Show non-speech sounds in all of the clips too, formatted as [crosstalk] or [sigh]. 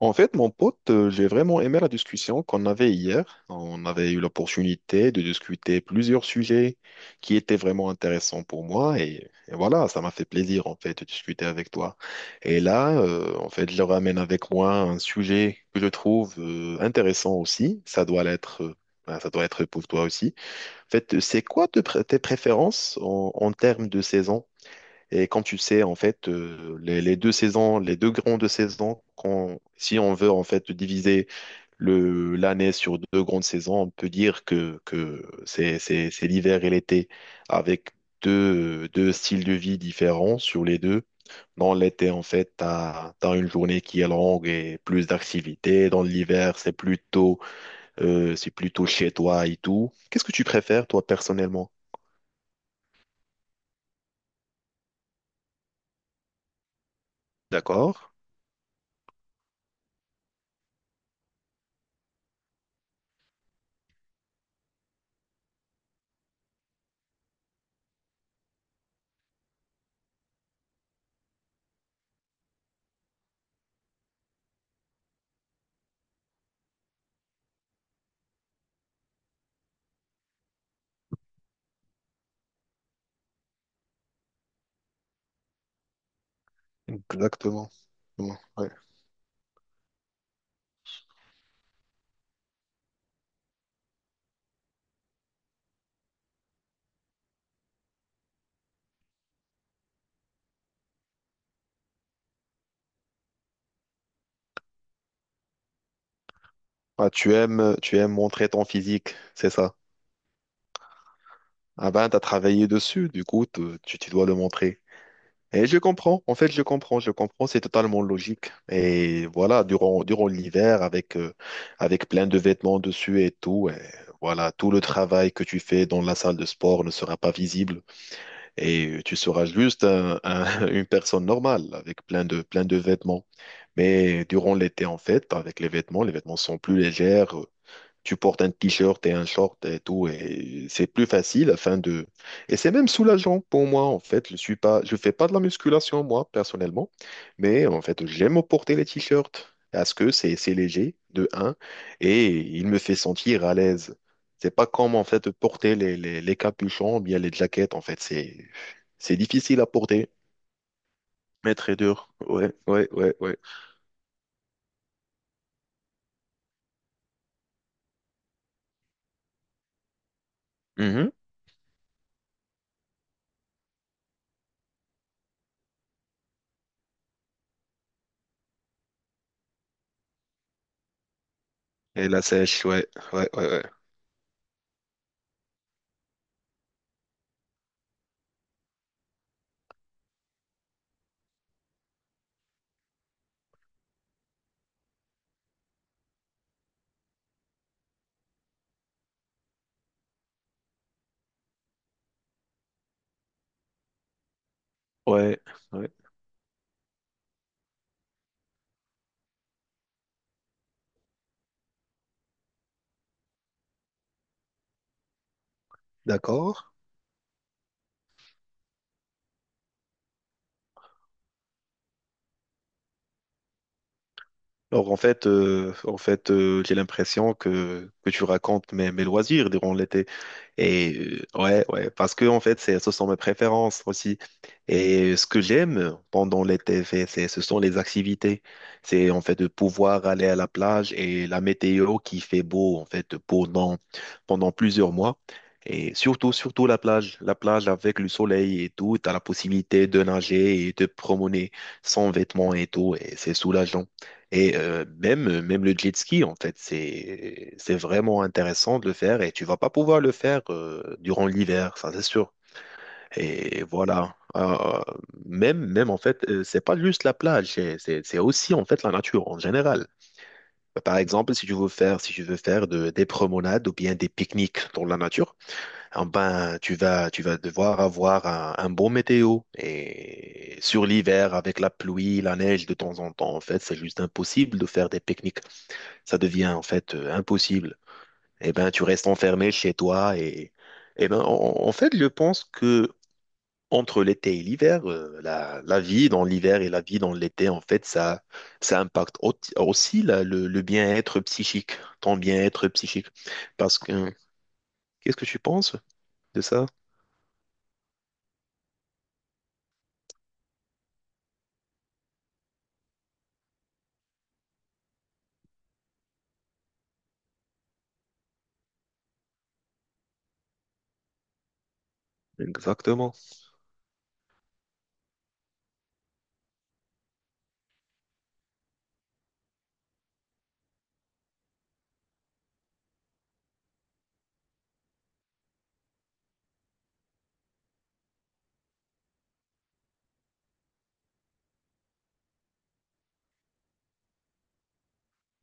En fait, mon pote, j'ai vraiment aimé la discussion qu'on avait hier. On avait eu l'opportunité de discuter plusieurs sujets qui étaient vraiment intéressants pour moi et voilà, ça m'a fait plaisir en fait de discuter avec toi. Et là, en fait, je ramène avec moi un sujet que je trouve intéressant aussi. Ça doit l'être, ça doit être pour toi aussi. En fait, c'est quoi tes préférences en termes de saison? Et comme tu le sais, en fait, les deux saisons, les deux grandes saisons, si on veut en fait diviser l'année sur deux grandes saisons, on peut dire que c'est, c'est l'hiver et l'été avec deux styles de vie différents sur les deux. Dans l'été, en fait, tu as une journée qui est longue et plus d'activités. Dans l'hiver, c'est plutôt chez toi et tout. Qu'est-ce que tu préfères, toi, personnellement? D'accord. Exactement. Ouais. Ah, tu aimes montrer ton physique, c'est ça. Ah ben, t'as travaillé dessus, du coup, tu dois le montrer. Et je comprends, en fait, je comprends, c'est totalement logique. Et voilà, durant, durant l'hiver, avec, avec plein de vêtements dessus et tout, et voilà, tout le travail que tu fais dans la salle de sport ne sera pas visible. Et tu seras juste [laughs] une personne normale, avec plein de vêtements. Mais durant l'été, en fait, avec les vêtements sont plus légers. Tu portes un t-shirt et un short et tout, et c'est plus facile afin de... Et c'est même soulageant pour moi, en fait. Je suis pas, je fais pas de la musculation, moi, personnellement, mais en fait, j'aime porter les t-shirts parce que c'est léger, de un, et il me fait sentir à l'aise. C'est pas comme, en fait, porter les, les capuchons ou bien les jaquettes, en fait. C'est difficile à porter, mais très dur. Ouais, ouais, ouais, ouais. Mhm. Et la sèche, ouais, ouais, ouais, ouais. Ouais, ouais. D'accord. Alors en fait, j'ai l'impression que tu racontes mes, mes loisirs durant l'été. Et ouais, ouais, parce que en fait, c'est, ce sont mes préférences aussi. Et ce que j'aime pendant l'été, c'est, ce sont les activités. C'est en fait de pouvoir aller à la plage et la météo qui fait beau en fait pendant pendant plusieurs mois. Et surtout, surtout la plage avec le soleil et tout, t'as la possibilité de nager et de promener sans vêtements et tout, et c'est soulageant. Et même, même le jet ski, en fait, c'est vraiment intéressant de le faire et tu vas pas pouvoir le faire durant l'hiver, ça c'est sûr. Et voilà. Même, même en fait, c'est pas juste la plage, c'est aussi en fait la nature en général. Par exemple, si tu veux faire, si tu veux faire des promenades ou bien des pique-niques dans la nature, eh ben, tu vas devoir avoir un bon météo. Et sur l'hiver, avec la pluie, la neige de temps en temps, en fait, c'est juste impossible de faire des pique-niques, ça devient en fait impossible. Eh ben, tu restes enfermé chez toi et eh ben, en fait, je pense que entre l'été et l'hiver, la vie dans l'hiver et la vie dans l'été, en fait, ça impacte aussi le bien-être psychique, ton bien-être psychique. Parce que, qu'est-ce que tu penses de ça? Exactement.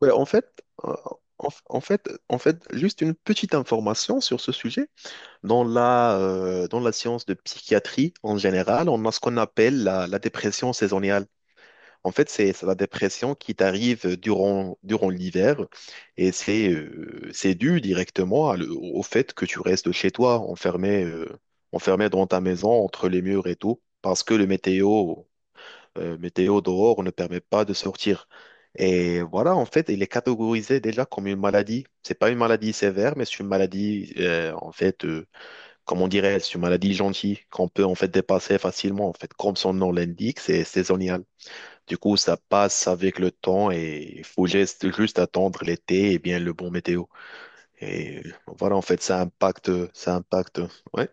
Ouais, en fait, en fait, juste une petite information sur ce sujet. Dans la science de psychiatrie en général, on a ce qu'on appelle la, la dépression saisonnière. En fait, c'est la dépression qui t'arrive durant, durant l'hiver et c'est dû directement à au fait que tu restes chez toi, enfermé, enfermé dans ta maison, entre les murs et tout, parce que le météo, météo dehors ne permet pas de sortir. Et voilà, en fait, il est catégorisé déjà comme une maladie. C'est pas une maladie sévère, mais c'est une maladie, en fait. Comme on dirait, c'est une maladie gentille qu'on peut en fait dépasser facilement. En fait, comme son nom l'indique, c'est saisonnial. Du coup, ça passe avec le temps et il faut juste juste attendre l'été et bien le bon météo. Et voilà, en fait, ça impacte, ça impacte. Ouais,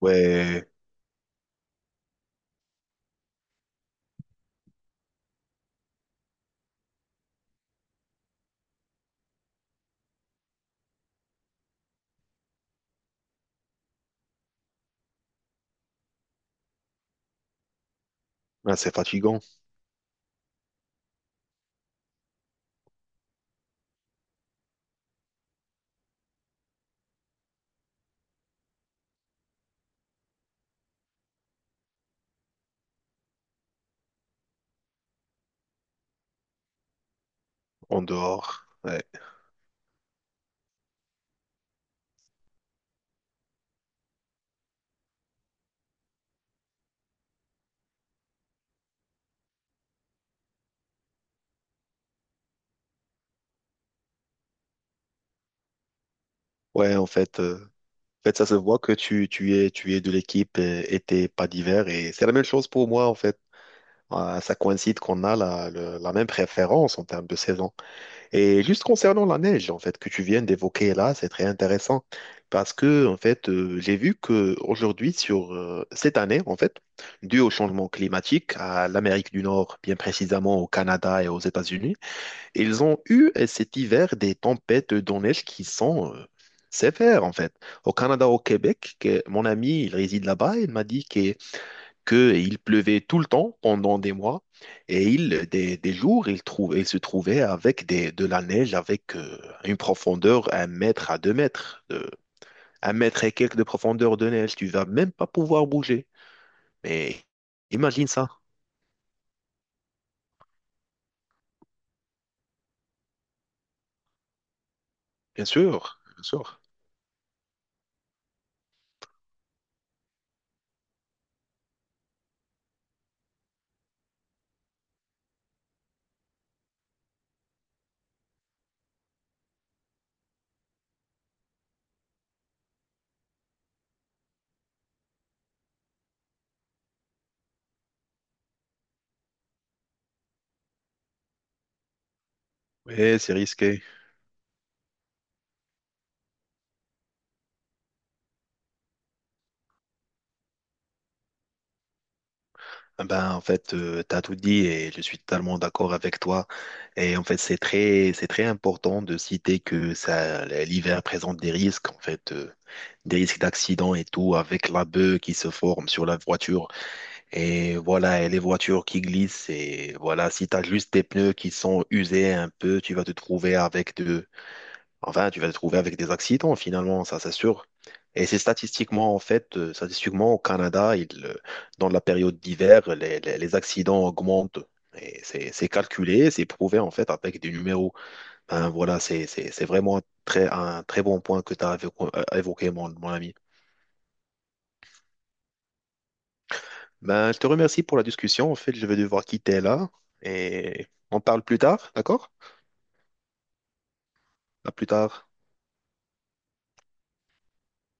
ouais, Ah, c'est fatigant en dehors. Ouais, ouais, en fait. En fait, ça se voit que tu, tu es de l'équipe été, pas d'hiver. Et c'est la même chose pour moi, en fait. Ah, ça coïncide qu'on a la, la même préférence en termes de saison. Et juste concernant la neige, en fait, que tu viens d'évoquer là, c'est très intéressant parce que, en fait, j'ai vu que aujourd'hui, sur cette année, en fait, dû au changement climatique à l'Amérique du Nord, bien précisément au Canada et aux États-Unis, ils ont eu cet hiver des tempêtes de neige qui sont sévères, en fait. Au Canada, au Québec, mon ami, il réside là-bas, il m'a dit que qu'il pleuvait tout le temps pendant des mois et il, des jours, il, il se trouvait avec des, de la neige avec une profondeur un mètre à deux mètres, de, un mètre et quelques de profondeur de neige. Tu vas même pas pouvoir bouger. Mais imagine ça. Bien sûr, bien sûr. Oui, c'est risqué. Ah Ben, en fait, tu as tout dit et je suis totalement d'accord avec toi. Et en fait, c'est très important de citer que ça, l'hiver présente des risques. En fait, des risques d'accident et tout, avec la beuh qui se forme sur la voiture. Et voilà, et les voitures qui glissent. Et voilà, si tu as juste des pneus qui sont usés un peu, tu vas te trouver avec de... Enfin, tu vas te trouver avec des accidents finalement, ça c'est sûr. Et c'est statistiquement, en fait, statistiquement, au Canada, il, dans la période d'hiver, les, les accidents augmentent. Et c'est calculé, c'est prouvé, en fait, avec des numéros. Ben, voilà, c'est vraiment très, un très bon point que tu as évoqué, mon mon ami. Ben, je te remercie pour la discussion. En fait, je vais devoir quitter là et on parle plus tard, d'accord? À plus tard.